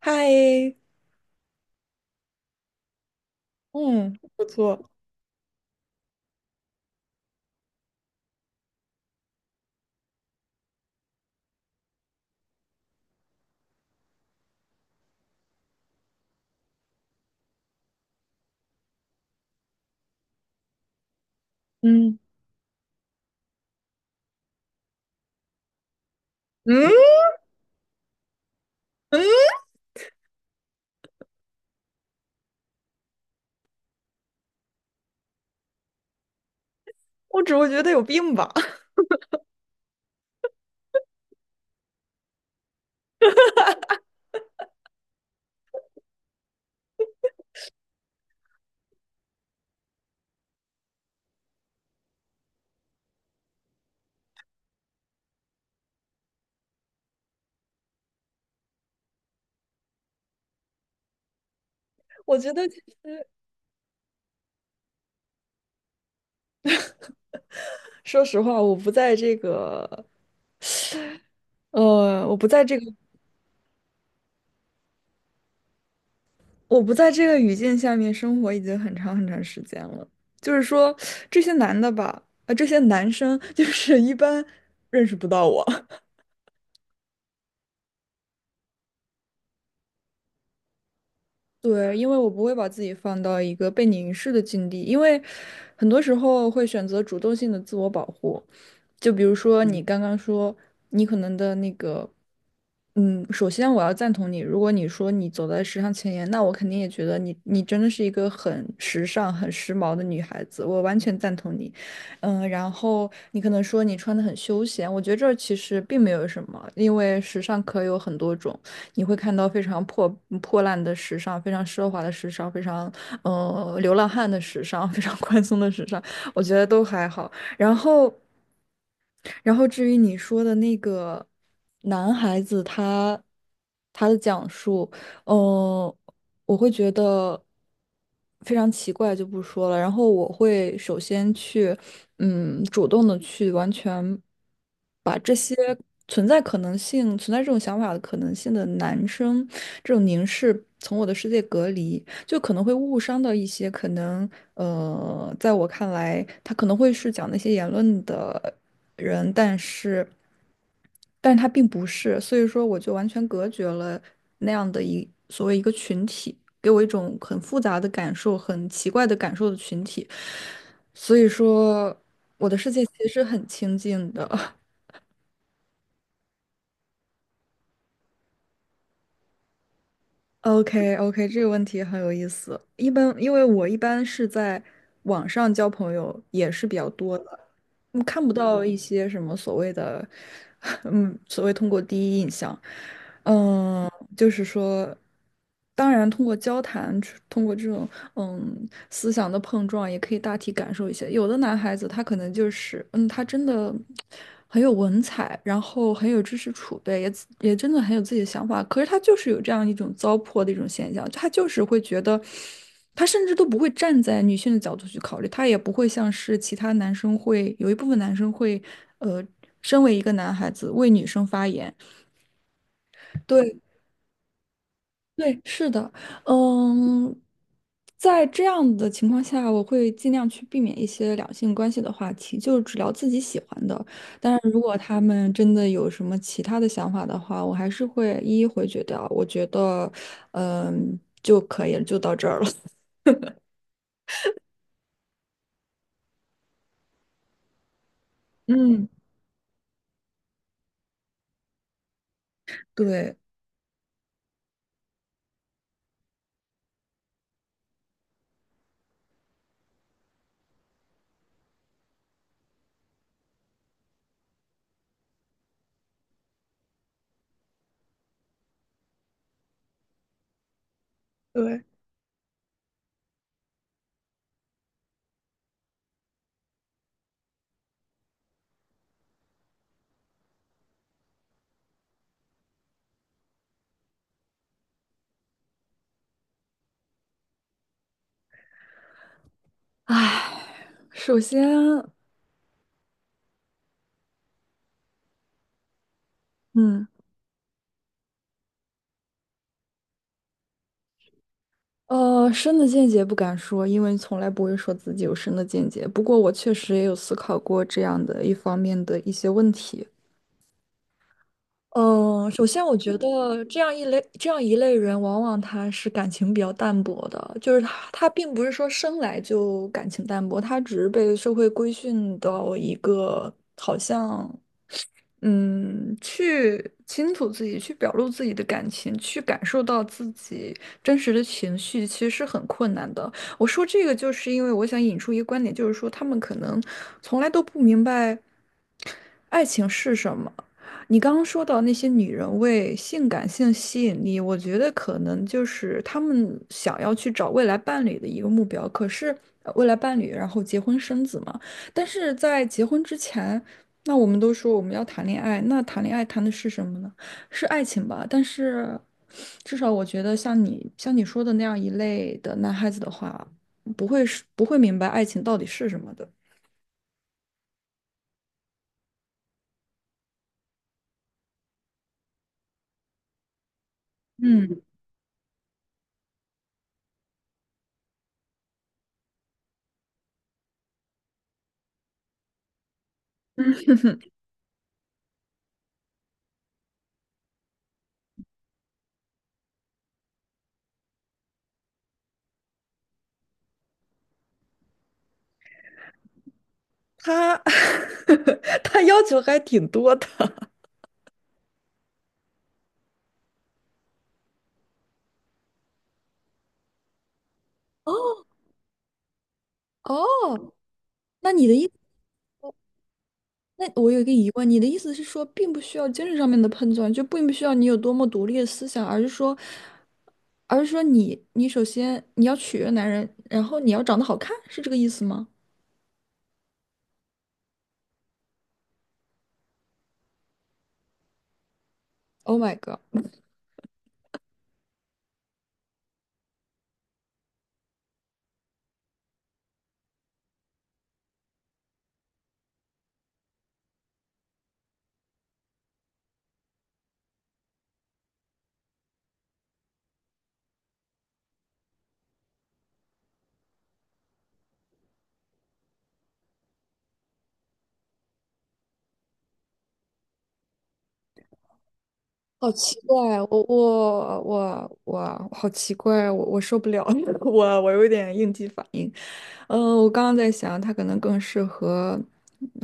嗨，嗯不错。嗯，嗯嗯，我只会觉得有病吧。我觉得，说实话，呃，我不在这个，我不在这个语境下面生活已经很长很长时间了。就是说，这些男的吧，啊，这些男生 就是一般认识不到我。对，因为我不会把自己放到一个被凝视的境地，因为很多时候会选择主动性的自我保护。就比如说你刚刚说，你可能的那个，嗯，首先我要赞同你，如果你说你走在时尚前沿，那我肯定也觉得你真的是一个很时尚、很时髦的女孩子，我完全赞同你。嗯，然后你可能说你穿的很休闲，我觉得这儿其实并没有什么，因为时尚可有很多种。你会看到非常破烂的时尚，非常奢华的时尚，非常流浪汉的时尚，非常宽松的时尚，我觉得都还好。然后，然后至于你说的那个男孩子他的讲述，嗯、我会觉得非常奇怪，就不说了。然后我会首先去，嗯，主动的去完全。存在可能性、存在这种想法的可能性的男生，这种凝视从我的世界隔离，就可能会误伤到一些可能在我看来，他可能会是讲那些言论的人，但是他并不是，所以说我就完全隔绝了那样的一所谓一个群体，给我一种很复杂的感受、很奇怪的感受的群体，所以说我的世界其实很清静的。OK OK，这个问题很有意思。一般因为我一般是在网上交朋友也是比较多的，嗯，看不到一些什么所谓的，嗯，所谓通过第一印象，嗯，就是说，当然通过交谈，通过这种，思想的碰撞也可以大体感受一些。有的男孩子他可能就是，嗯，他真的很有文采，然后很有知识储备，也自也真的很有自己的想法。可是他就是有这样一种糟粕的一种现象，他就是会觉得，他甚至都不会站在女性的角度去考虑，他也不会像是其他男生会，有一部分男生会，呃，身为一个男孩子为女生发言。对，对，是的，嗯，在这样的情况下，我会尽量去避免一些两性关系的话题，就只聊自己喜欢的。但是如果他们真的有什么其他的想法的话，我还是会一一回绝掉。我觉得，嗯，就可以了，就到这儿了。嗯，对对，唉，首先，嗯。呃，深的见解不敢说，因为从来不会说自己有深的见解。不过我确实也有思考过这样的一方面的一些问题。嗯，首先我觉得这样一类人，往往他是感情比较淡薄的，就是他并不是说生来就感情淡薄，他只是被社会规训到一个好像。嗯，去清楚自己，去表露自己的感情，去感受到自己真实的情绪，其实是很困难的。我说这个，就是因为我想引出一个观点，就是说他们可能从来都不明白爱情是什么。你刚刚说到那些女人为性感性吸引力，我觉得可能就是他们想要去找未来伴侣的一个目标。可是未来伴侣，然后结婚生子嘛。但是在结婚之前。那我们都说我们要谈恋爱，那谈恋爱谈的是什么呢？是爱情吧？但是至少我觉得，像你说的那样一类的男孩子的话，不会明白爱情到底是什么的。嗯，他 他要求还挺多的。哦，哦，那你的意那我有一个疑问，你的意思是说，并不需要精神上面的碰撞，就并不需要你有多么独立的思想，而是说你首先你要取悦男人，然后你要长得好看，是这个意思吗？Oh my god，好奇怪，我好奇怪，我受不了，我有点应激反。嗯，我刚刚在想，他可能更适合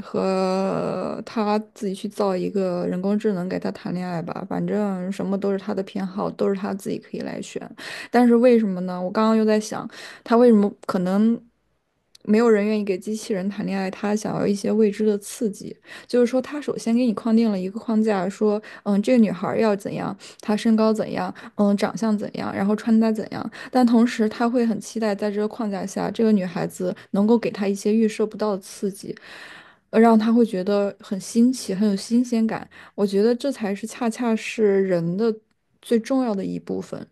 和他自己去造一个人工智能给他谈恋爱吧。反正什么都是他的偏好，都是他自己可以来选。但是为什么呢？我刚刚又在想，他为什么可能没有人愿意给机器人谈恋爱？他想要一些未知的刺激，就是说，他首先给你框定了一个框架，说，嗯，这个女孩儿要怎样，她身高怎样，嗯，长相怎样，然后穿搭怎样。但同时他会很期待在这个框架下，这个女孩子能够给他一些预设不到的刺激，让他会觉得很新奇，很有新鲜感。我觉得这才是恰恰是人的最重要的一部分。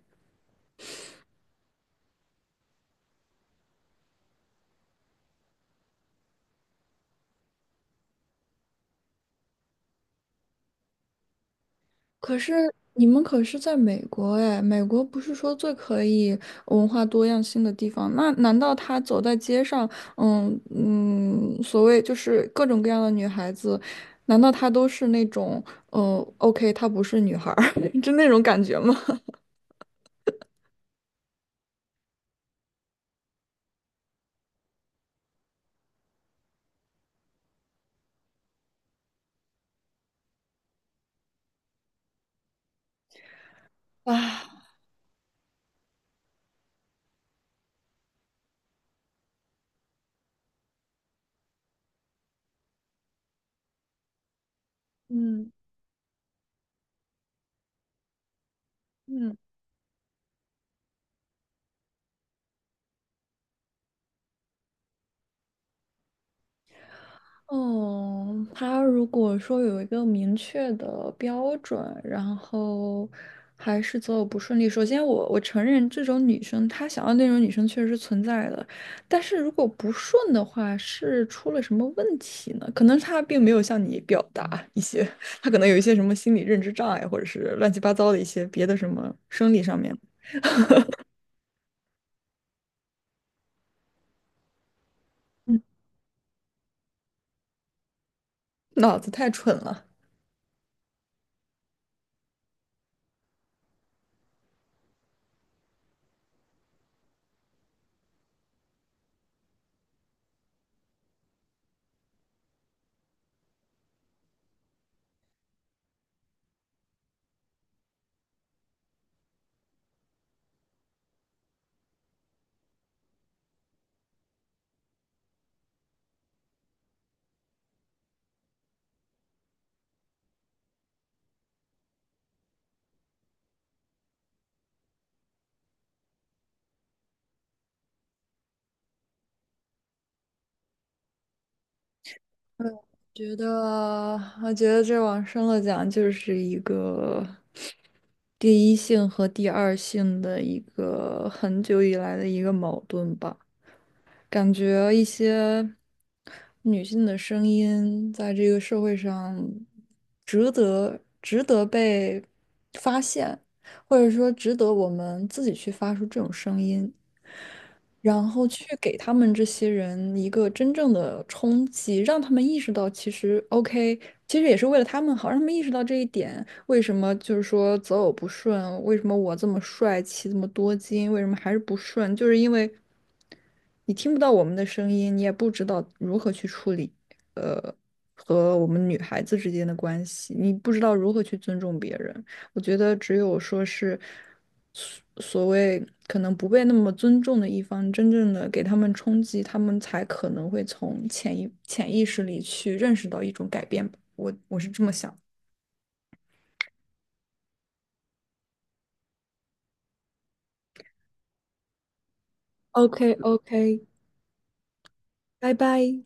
可是你们可是在美国哎，美国不是说最可以文化多样性的地方？那难道他走在街上，所谓就是各种各样的女孩子，难道她都是那种，嗯，OK，她不是女孩儿，就那种感觉吗？啊，嗯嗯，哦，他如果说有一个明确的标准，然后还是择偶不顺利，首先我承认这种女生，她想要那种女生确实是存在的，但是如果不顺的话，是出了什么问题呢？可能她并没有向你表达一些，她可能有一些什么心理认知障碍，或者是乱七八糟的一些别的什么生理上面，嗯脑子太蠢了。觉得，我觉得这往深了讲，就是一个第一性和第二性的一个很久以来的一个矛盾吧。感觉一些女性的声音在这个社会上值得被发现，或者说值得我们自己去发出这种声音。然后去给他们这些人一个真正的冲击，让他们意识到其实 OK，其实也是为了他们好，让他们意识到这一点。为什么就是说择偶不顺？为什么我这么帅气，这么多金，为什么还是不顺？就是因为。你听不到我们的声音，你也不知道如何去处理，呃，和我们女孩子之间的关系，你不知道如何去尊重别人。我觉得只有说是所所谓可能不被那么尊重的一方，真正的给他们冲击，他们才可能会从潜意识里去认识到一种改变吧。我我是这么想。o k o k 拜拜。